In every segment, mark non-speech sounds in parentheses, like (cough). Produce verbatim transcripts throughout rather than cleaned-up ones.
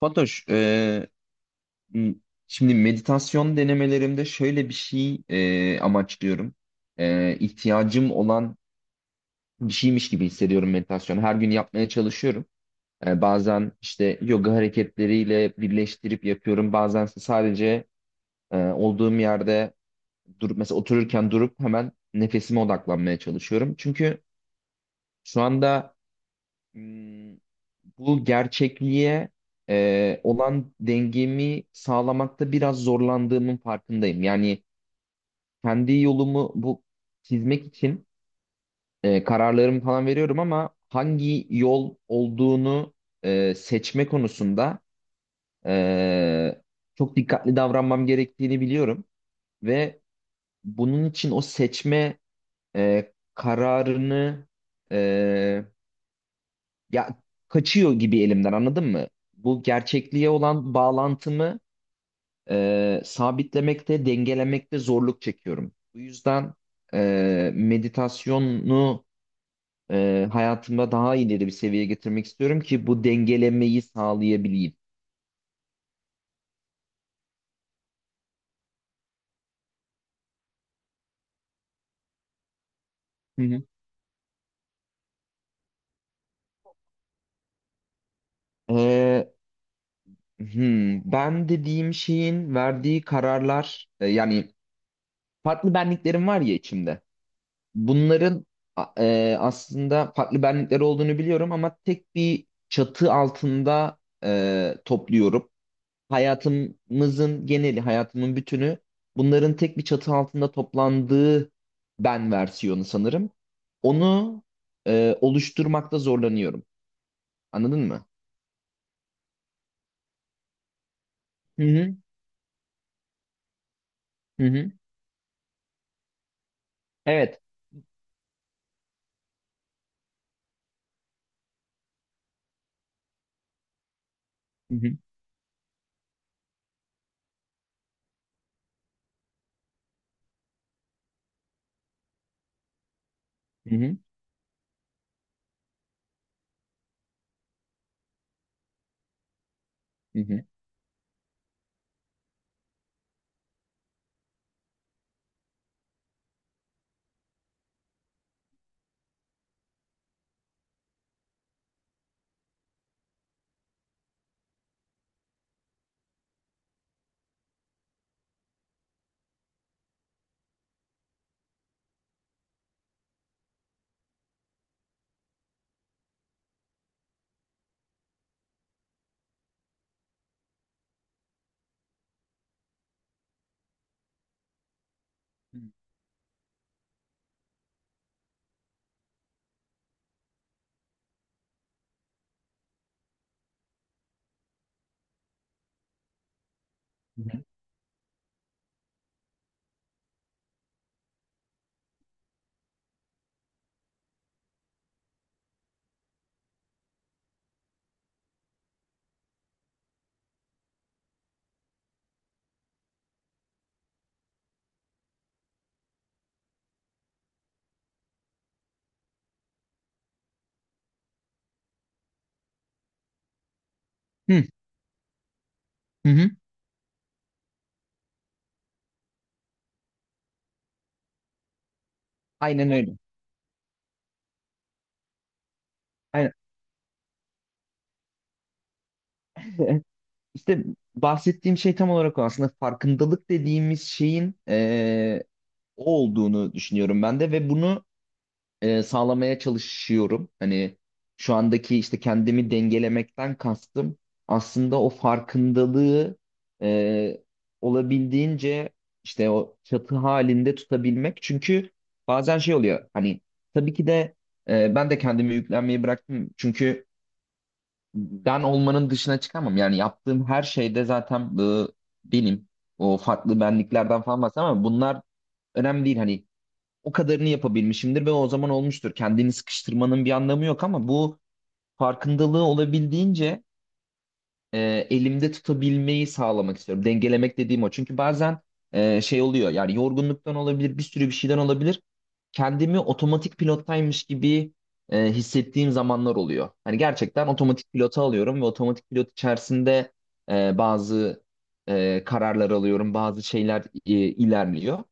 Fatoş, e, m- şimdi meditasyon denemelerimde şöyle bir şey e, amaçlıyorum. E, ihtiyacım olan bir şeymiş gibi hissediyorum meditasyonu. Her gün yapmaya çalışıyorum. E, bazen işte yoga hareketleriyle birleştirip yapıyorum. Bazen ise sadece e, olduğum yerde durup mesela otururken durup hemen nefesime odaklanmaya çalışıyorum. Çünkü şu anda bu gerçekliğe e, olan dengemi sağlamakta biraz zorlandığımın farkındayım. Yani kendi yolumu bu çizmek için e, kararlarımı falan veriyorum ama hangi yol olduğunu e, seçme konusunda e, çok dikkatli davranmam gerektiğini biliyorum ve bunun için o seçme e, kararını e, ya kaçıyor gibi elimden, anladın mı? Bu gerçekliğe olan bağlantımı e, sabitlemekte, dengelemekte zorluk çekiyorum. Bu yüzden e, meditasyonu e, hayatımda daha ileri bir seviyeye getirmek istiyorum ki bu dengelemeyi sağlayabileyim. Hı hı. E, hmm, ben dediğim şeyin verdiği kararlar, e, yani farklı benliklerim var ya içimde. Bunların a- e, aslında farklı benlikler olduğunu biliyorum ama tek bir çatı altında e, topluyorum. hayatımızın geneli, hayatımın bütünü bunların tek bir çatı altında toplandığı ben versiyonu sanırım. Onu e, oluşturmakta zorlanıyorum. Anladın mı? Hı hı, hı hı. Evet. Hı hı, hı hı, hı hı. Hı hı, hı hı. Aynen öyle. Aynen. (laughs) İşte bahsettiğim şey tam olarak o, aslında farkındalık dediğimiz şeyin e, o olduğunu düşünüyorum ben de ve bunu e, sağlamaya çalışıyorum. Hani şu andaki işte kendimi dengelemekten kastım aslında o farkındalığı e, olabildiğince işte o çatı halinde tutabilmek. Çünkü bazen şey oluyor hani, tabii ki de e, ben de kendimi yüklenmeyi bıraktım. Çünkü ben olmanın dışına çıkamam. Yani yaptığım her şeyde zaten e, benim, o farklı benliklerden falan bahsediyorum ama bunlar önemli değil. Hani o kadarını yapabilmişimdir ve o zaman olmuştur. Kendini sıkıştırmanın bir anlamı yok ama bu farkındalığı olabildiğince e, elimde tutabilmeyi sağlamak istiyorum. Dengelemek dediğim o. Çünkü bazen e, şey oluyor, yani yorgunluktan olabilir, bir sürü bir şeyden olabilir. Kendimi otomatik pilottaymış gibi e, hissettiğim zamanlar oluyor. Hani gerçekten otomatik pilota alıyorum ve otomatik pilot içerisinde e, bazı e, kararlar alıyorum, bazı şeyler e, ilerliyor.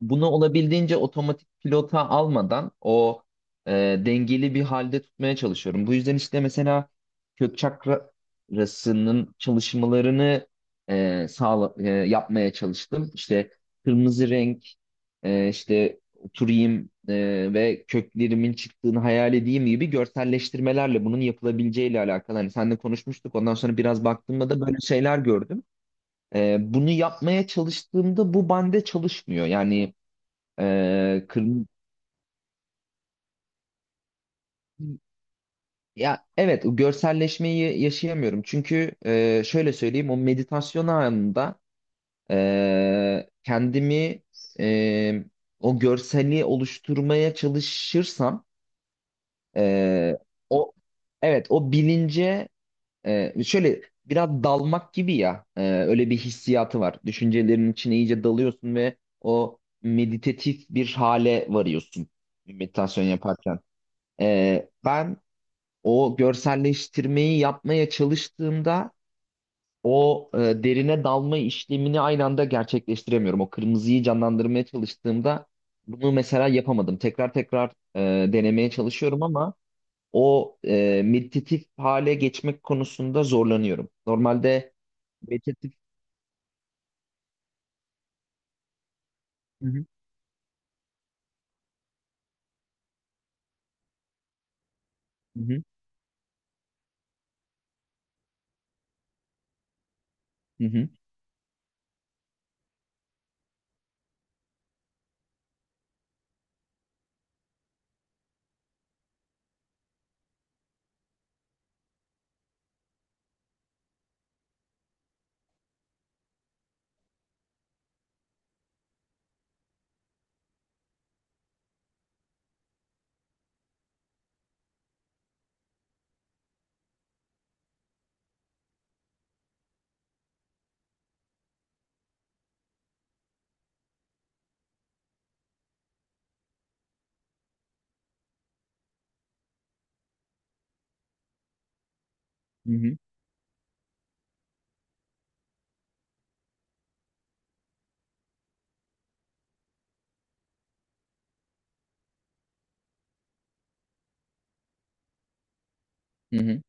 Bunu olabildiğince otomatik pilota almadan o e, dengeli bir halde tutmaya çalışıyorum. Bu yüzden işte mesela kök çakrasının çalışmalarını e, sağla, e, yapmaya çalıştım. İşte kırmızı renk, e, işte oturayım e, ve köklerimin çıktığını hayal edeyim gibi görselleştirmelerle bunun yapılabileceğiyle alakalı. Hani seninle konuşmuştuk. Ondan sonra biraz baktığımda da böyle şeyler gördüm. E, bunu yapmaya çalıştığımda bu bende çalışmıyor. Yani ee, kırm- ya evet, o görselleşmeyi yaşayamıyorum. Çünkü e, şöyle söyleyeyim, o meditasyon anında e, kendimi e, o görseli oluşturmaya çalışırsam e, o, evet, o bilince e, şöyle biraz dalmak gibi ya, e, öyle bir hissiyatı var. Düşüncelerin içine iyice dalıyorsun ve o meditatif bir hale varıyorsun meditasyon yaparken. Ee, ben o görselleştirmeyi yapmaya çalıştığımda o e, derine dalma işlemini aynı anda gerçekleştiremiyorum. O kırmızıyı canlandırmaya çalıştığımda bunu mesela yapamadım. Tekrar tekrar e, denemeye çalışıyorum ama o e, meditatif hale geçmek konusunda zorlanıyorum. Normalde meditatif. Hı hı, hı hı, hı hı, hı hı, hı hı.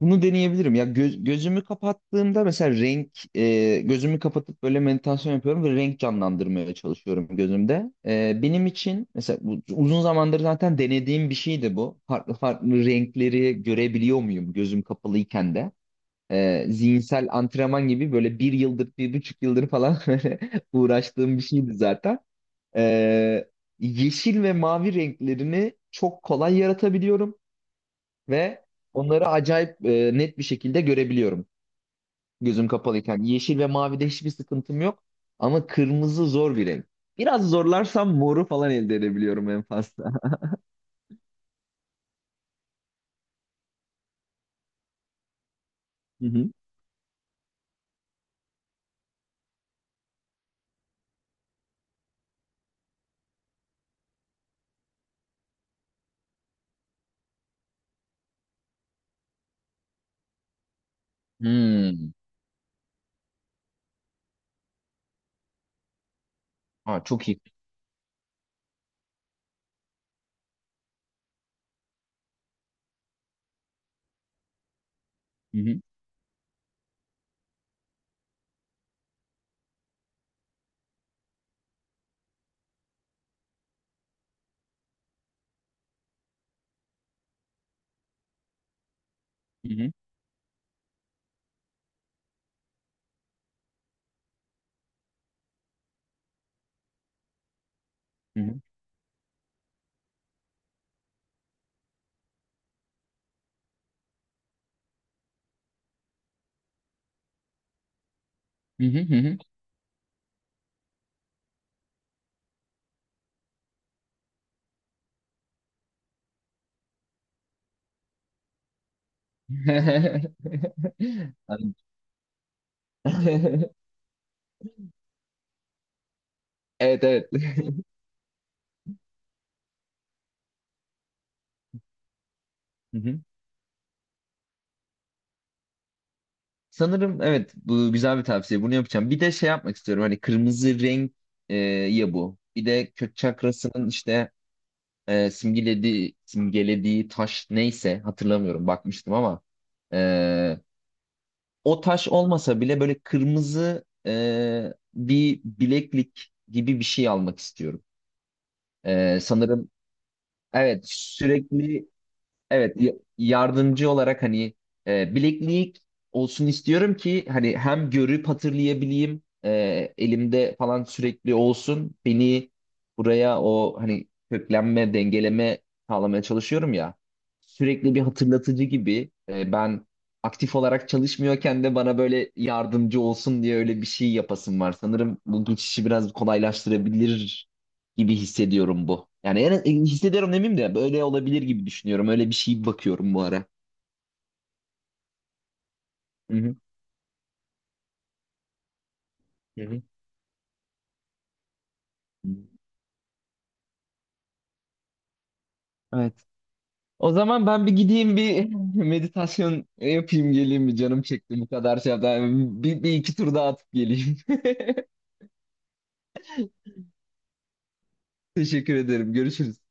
Bunu deneyebilirim. Ya göz, gözümü kapattığımda mesela renk, e, gözümü kapatıp böyle meditasyon yapıyorum ve renk canlandırmaya çalışıyorum gözümde. E, benim için mesela bu uzun zamandır zaten denediğim bir şeydi bu. Farklı farklı renkleri görebiliyor muyum gözüm kapalıyken de? E, zihinsel antrenman gibi böyle bir yıldır, bir buçuk yıldır falan (laughs) böyle uğraştığım bir şeydi zaten. E, yeşil ve mavi renklerini çok kolay yaratabiliyorum ve onları acayip e, net bir şekilde görebiliyorum gözüm kapalıyken. Yeşil ve mavide hiçbir sıkıntım yok ama kırmızı zor bir renk. Biraz zorlarsam moru falan elde edebiliyorum en fazla. (laughs) Hı hı. Hmm. Ha, çok iyi. Hı hı. Hı hı. Hı hı. Hı hı. Hı hı. (laughs) Anladım. (laughs) Evet, evet. Hı hı. Sanırım evet, bu güzel bir tavsiye. Bunu yapacağım. Bir de şey yapmak istiyorum. Hani kırmızı renk e, ya bu. Bir de kök çakrasının işte e, simgelediği, simgelediği taş neyse, hatırlamıyorum, bakmıştım ama e, o taş olmasa bile böyle kırmızı e, bir bileklik gibi bir şey almak istiyorum. E, sanırım evet, sürekli. Evet, y- yardımcı olarak hani e, bileklik olsun istiyorum ki hani hem görüp hatırlayabileyim, e, elimde falan sürekli olsun, beni buraya, o hani köklenme dengeleme sağlamaya çalışıyorum ya, sürekli bir hatırlatıcı gibi e, ben aktif olarak çalışmıyorken de bana böyle yardımcı olsun diye öyle bir şey yapasım var. Sanırım bu geçişi biraz kolaylaştırabilir gibi hissediyorum bu. Yani en, en- hissediyorum demeyeyim de böyle olabilir gibi düşünüyorum. Öyle bir şey bakıyorum bu ara. Hı hı. Hı hı. Evet. O zaman ben bir gideyim bir (laughs) meditasyon yapayım geleyim, bir canım çekti, bu kadar şey yaptım. Bir, bir iki tur daha atıp geleyim. (laughs) Teşekkür ederim. Görüşürüz.